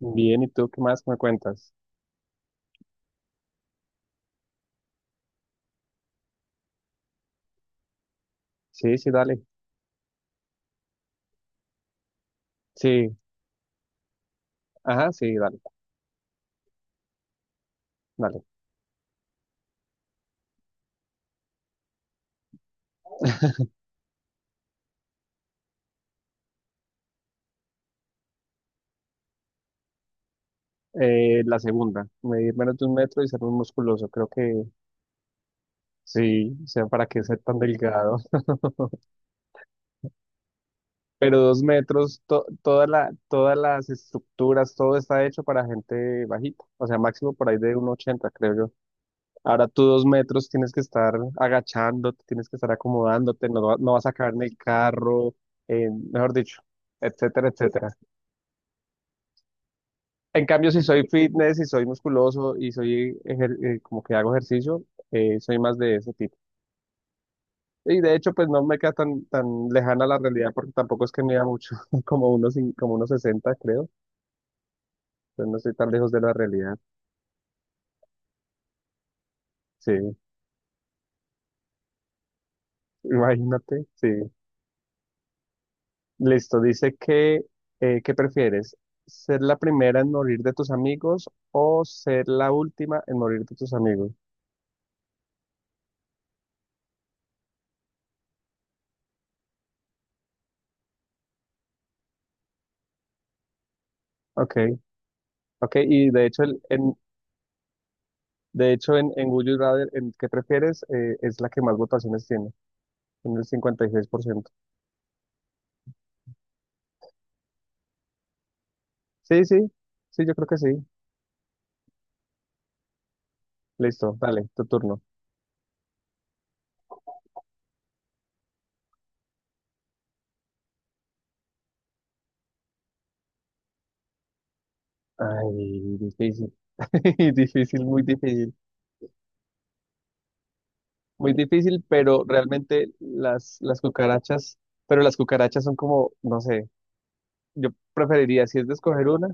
Bien, ¿y tú qué más me cuentas? Sí, sí, dale. Sí, ajá, sí, dale, dale. La segunda, medir menos de un metro y ser muy musculoso. Creo que sí, o sea, para qué ser tan delgado. Pero dos metros, todas las estructuras, todo está hecho para gente bajita. O sea, máximo por ahí de 1,80 creo yo. Ahora tú dos metros tienes que estar agachándote, tienes que estar acomodándote, no, no vas a caber en el carro, mejor dicho, etcétera, etcétera. En cambio, si soy fitness, si soy musculoso y soy como que hago ejercicio, soy más de ese tipo. Y de hecho, pues no me queda tan, tan lejana la realidad porque tampoco es que mida mucho, como unos 60, creo. Entonces no estoy tan lejos de la realidad. Sí, imagínate. Sí. Listo, dice que, ¿qué prefieres? ¿Ser la primera en morir de tus amigos o ser la última en morir de tus amigos? Ok, ok. De hecho, en Would You Rather, en ¿Qué prefieres? Es la que más votaciones tiene, en el 56%. Sí, sí, sí, yo creo que sí. Listo, dale, tu turno. Ay, difícil. Difícil, muy difícil. Muy difícil, pero realmente las cucarachas, pero las cucarachas son como, no sé, yo preferiría, si es de escoger una,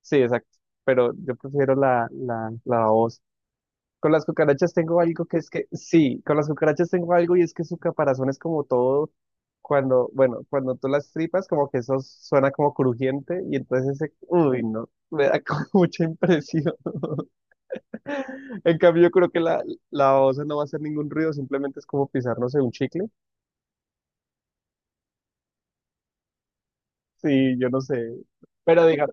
sí, exacto, pero yo prefiero la babosa. Con las cucarachas tengo algo que es que, sí, con las cucarachas tengo algo y es que su caparazón es como todo, cuando tú las tripas, como que eso suena como crujiente y entonces ese, uy, no, me da como mucha impresión. En cambio, yo creo que la osa no va a hacer ningún ruido, simplemente es como pisar, no sé, un chicle. Sí, yo no sé. Pero diga,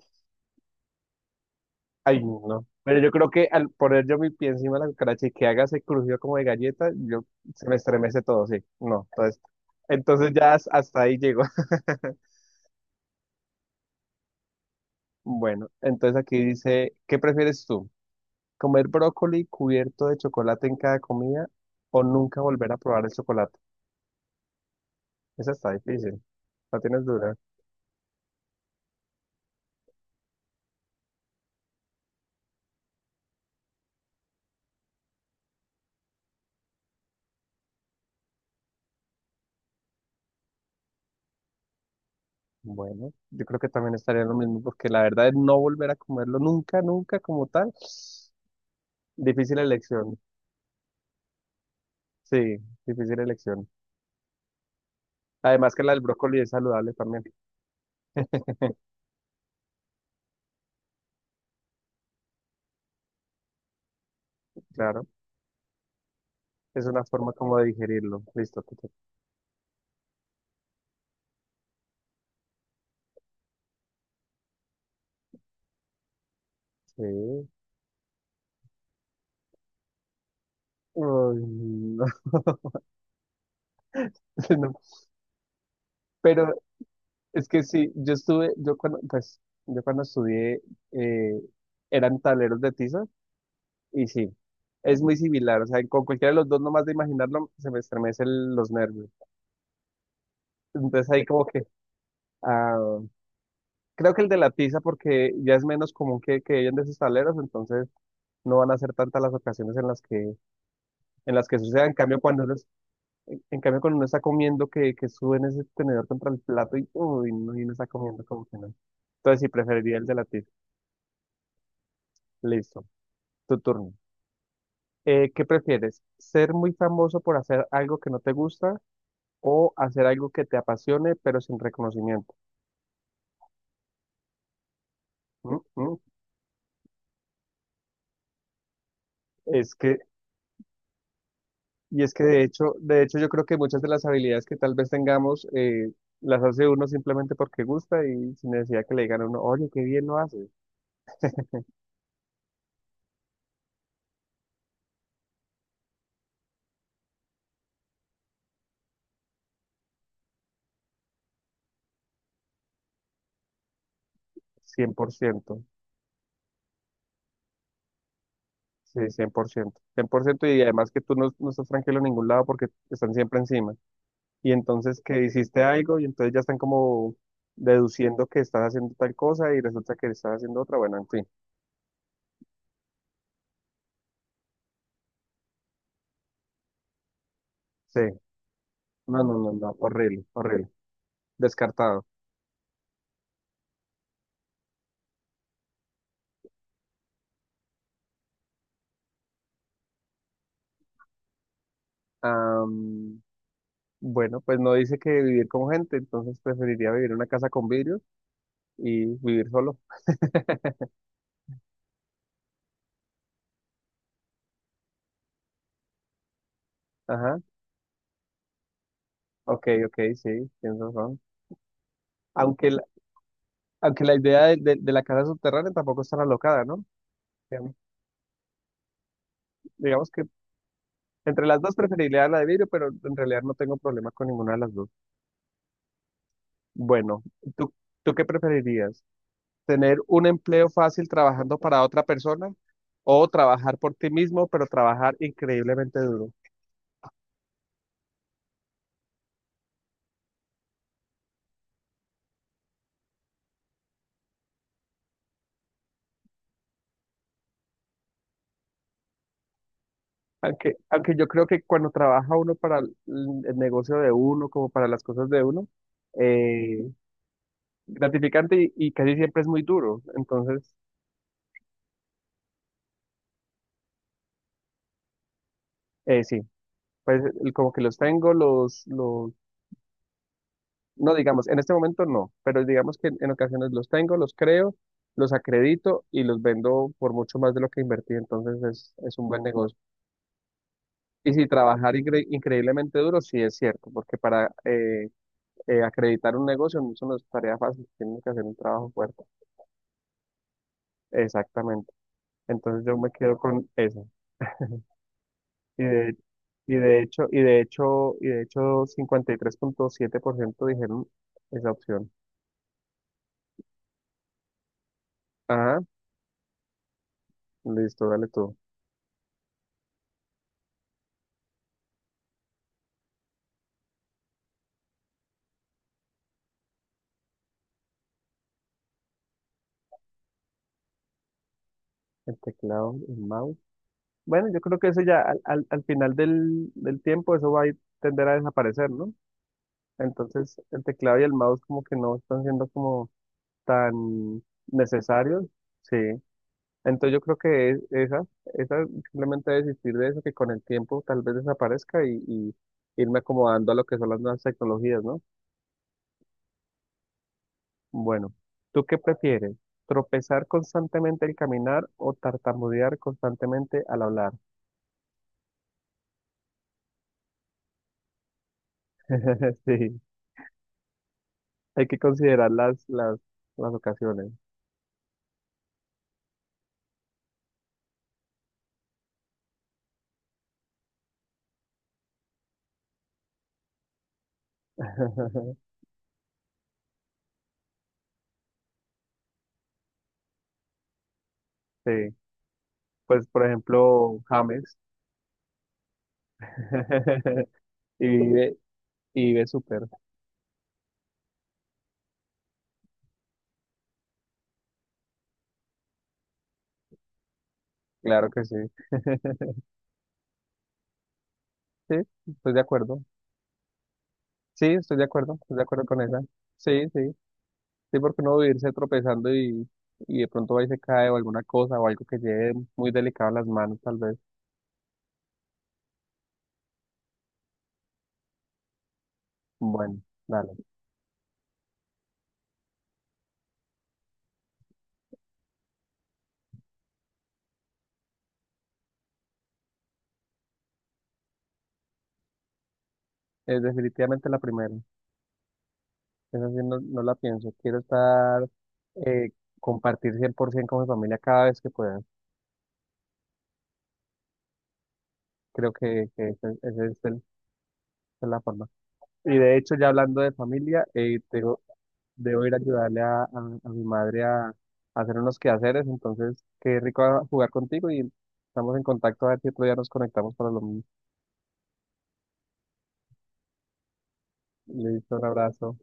ay, no. Pero yo creo que al poner yo mi pie encima de la cucaracha y que haga ese crujido como de galleta, yo se me estremece todo, sí. No, entonces, ya hasta ahí llego. Bueno, entonces aquí dice, ¿qué prefieres tú? ¿Comer brócoli cubierto de chocolate en cada comida o nunca volver a probar el chocolate? Esa está difícil, la tienes dura. Bueno, yo creo que también estaría lo mismo porque la verdad es no volver a comerlo nunca, nunca como tal. Difícil elección, sí, difícil elección. Además que la del brócoli es saludable también, claro. Es una forma como de digerirlo. Listo. Sí. Ay, no. No, pero es que sí, yo estuve, yo cuando, pues, yo cuando estudié, eh, eran tableros de tiza y sí, es muy similar. O sea, con cualquiera de los dos, nomás de imaginarlo, se me estremecen los nervios. Entonces ahí como que, ah, creo que el de la tiza porque ya es menos común que hayan de esos tableros, entonces no van a ser tantas las ocasiones en las que suceda. En cambio, cuando uno está comiendo, que suben ese tenedor contra el plato y, uy, no, y uno está comiendo como que no. Entonces, sí, preferiría el de latir. Listo, tu turno. ¿Qué prefieres? ¿Ser muy famoso por hacer algo que no te gusta o hacer algo que te apasione pero sin reconocimiento? Mm, mm. Es que, y es que de hecho, yo creo que muchas de las habilidades que tal vez tengamos, las hace uno simplemente porque gusta y sin necesidad que le digan a uno, oye, qué bien lo haces, 100%. Sí, cien por ciento 100%, y además que tú no estás tranquilo en ningún lado porque están siempre encima. Y entonces que hiciste algo y entonces ya están como deduciendo que estás haciendo tal cosa y resulta que estás haciendo otra. Bueno, en fin. Sí. No, no, no, no. Horrible, horrible. Descartado. Am, bueno, pues no dice que vivir con gente, entonces preferiría vivir en una casa con vidrios y vivir solo. Ajá. Ok, ok, sí, tienes razón. Aunque la, aunque la idea de, de la casa subterránea tampoco es tan alocada, ¿no? Digamos digamos que entre las dos preferiría la de vidrio, pero en realidad no tengo problema con ninguna de las dos. Bueno, ¿tú, tú qué preferirías? ¿Tener un empleo fácil trabajando para otra persona o trabajar por ti mismo, pero trabajar increíblemente duro? Aunque yo creo que cuando trabaja uno para el negocio de uno, como para las cosas de uno, eh, gratificante y casi siempre es muy duro. Entonces, sí, pues como que los tengo, los. No, digamos, en este momento no, pero digamos que en ocasiones los tengo, los creo, los acredito y los vendo por mucho más de lo que invertí, entonces es un buen negocio. Y si trabajar increíblemente duro, sí es cierto, porque para acreditar un negocio no es una tarea fácil, tienes que hacer un trabajo fuerte. Exactamente. Entonces yo me quedo con eso. Y de, y de hecho, y de hecho, y de hecho, 53,7% dijeron esa opción. Ajá, listo, dale tú. El teclado, el mouse. Bueno, yo creo que eso ya al final del tiempo, eso va a tender a desaparecer, ¿no? Entonces, el teclado y el mouse como que no están siendo como tan necesarios, sí. Entonces yo creo que esa simplemente desistir de eso, que con el tiempo tal vez desaparezca y irme acomodando a lo que son las nuevas tecnologías, ¿no? Bueno, ¿tú qué prefieres? ¿Tropezar constantemente al caminar o tartamudear constantemente al hablar? Sí. Hay que considerar las ocasiones. Sí, pues por ejemplo, James. Y vive, y vive súper, claro que sí. Sí, estoy de acuerdo. Sí, estoy de acuerdo con esa. Sí, sí, sí, porque uno va a irse tropezando y de pronto va y se cae o alguna cosa o algo que lleve muy delicado a las manos, tal vez. Bueno, dale. Es definitivamente la primera. Esa sí no la pienso. Quiero estar, eh, compartir 100% con mi familia cada vez que pueda. Creo que esa es la forma. Y de hecho, ya hablando de familia, debo ir a ayudarle a mi madre a hacer unos quehaceres. Entonces, qué rico jugar contigo y estamos en contacto a ver si otro día nos conectamos para lo mismo. Listo, un abrazo.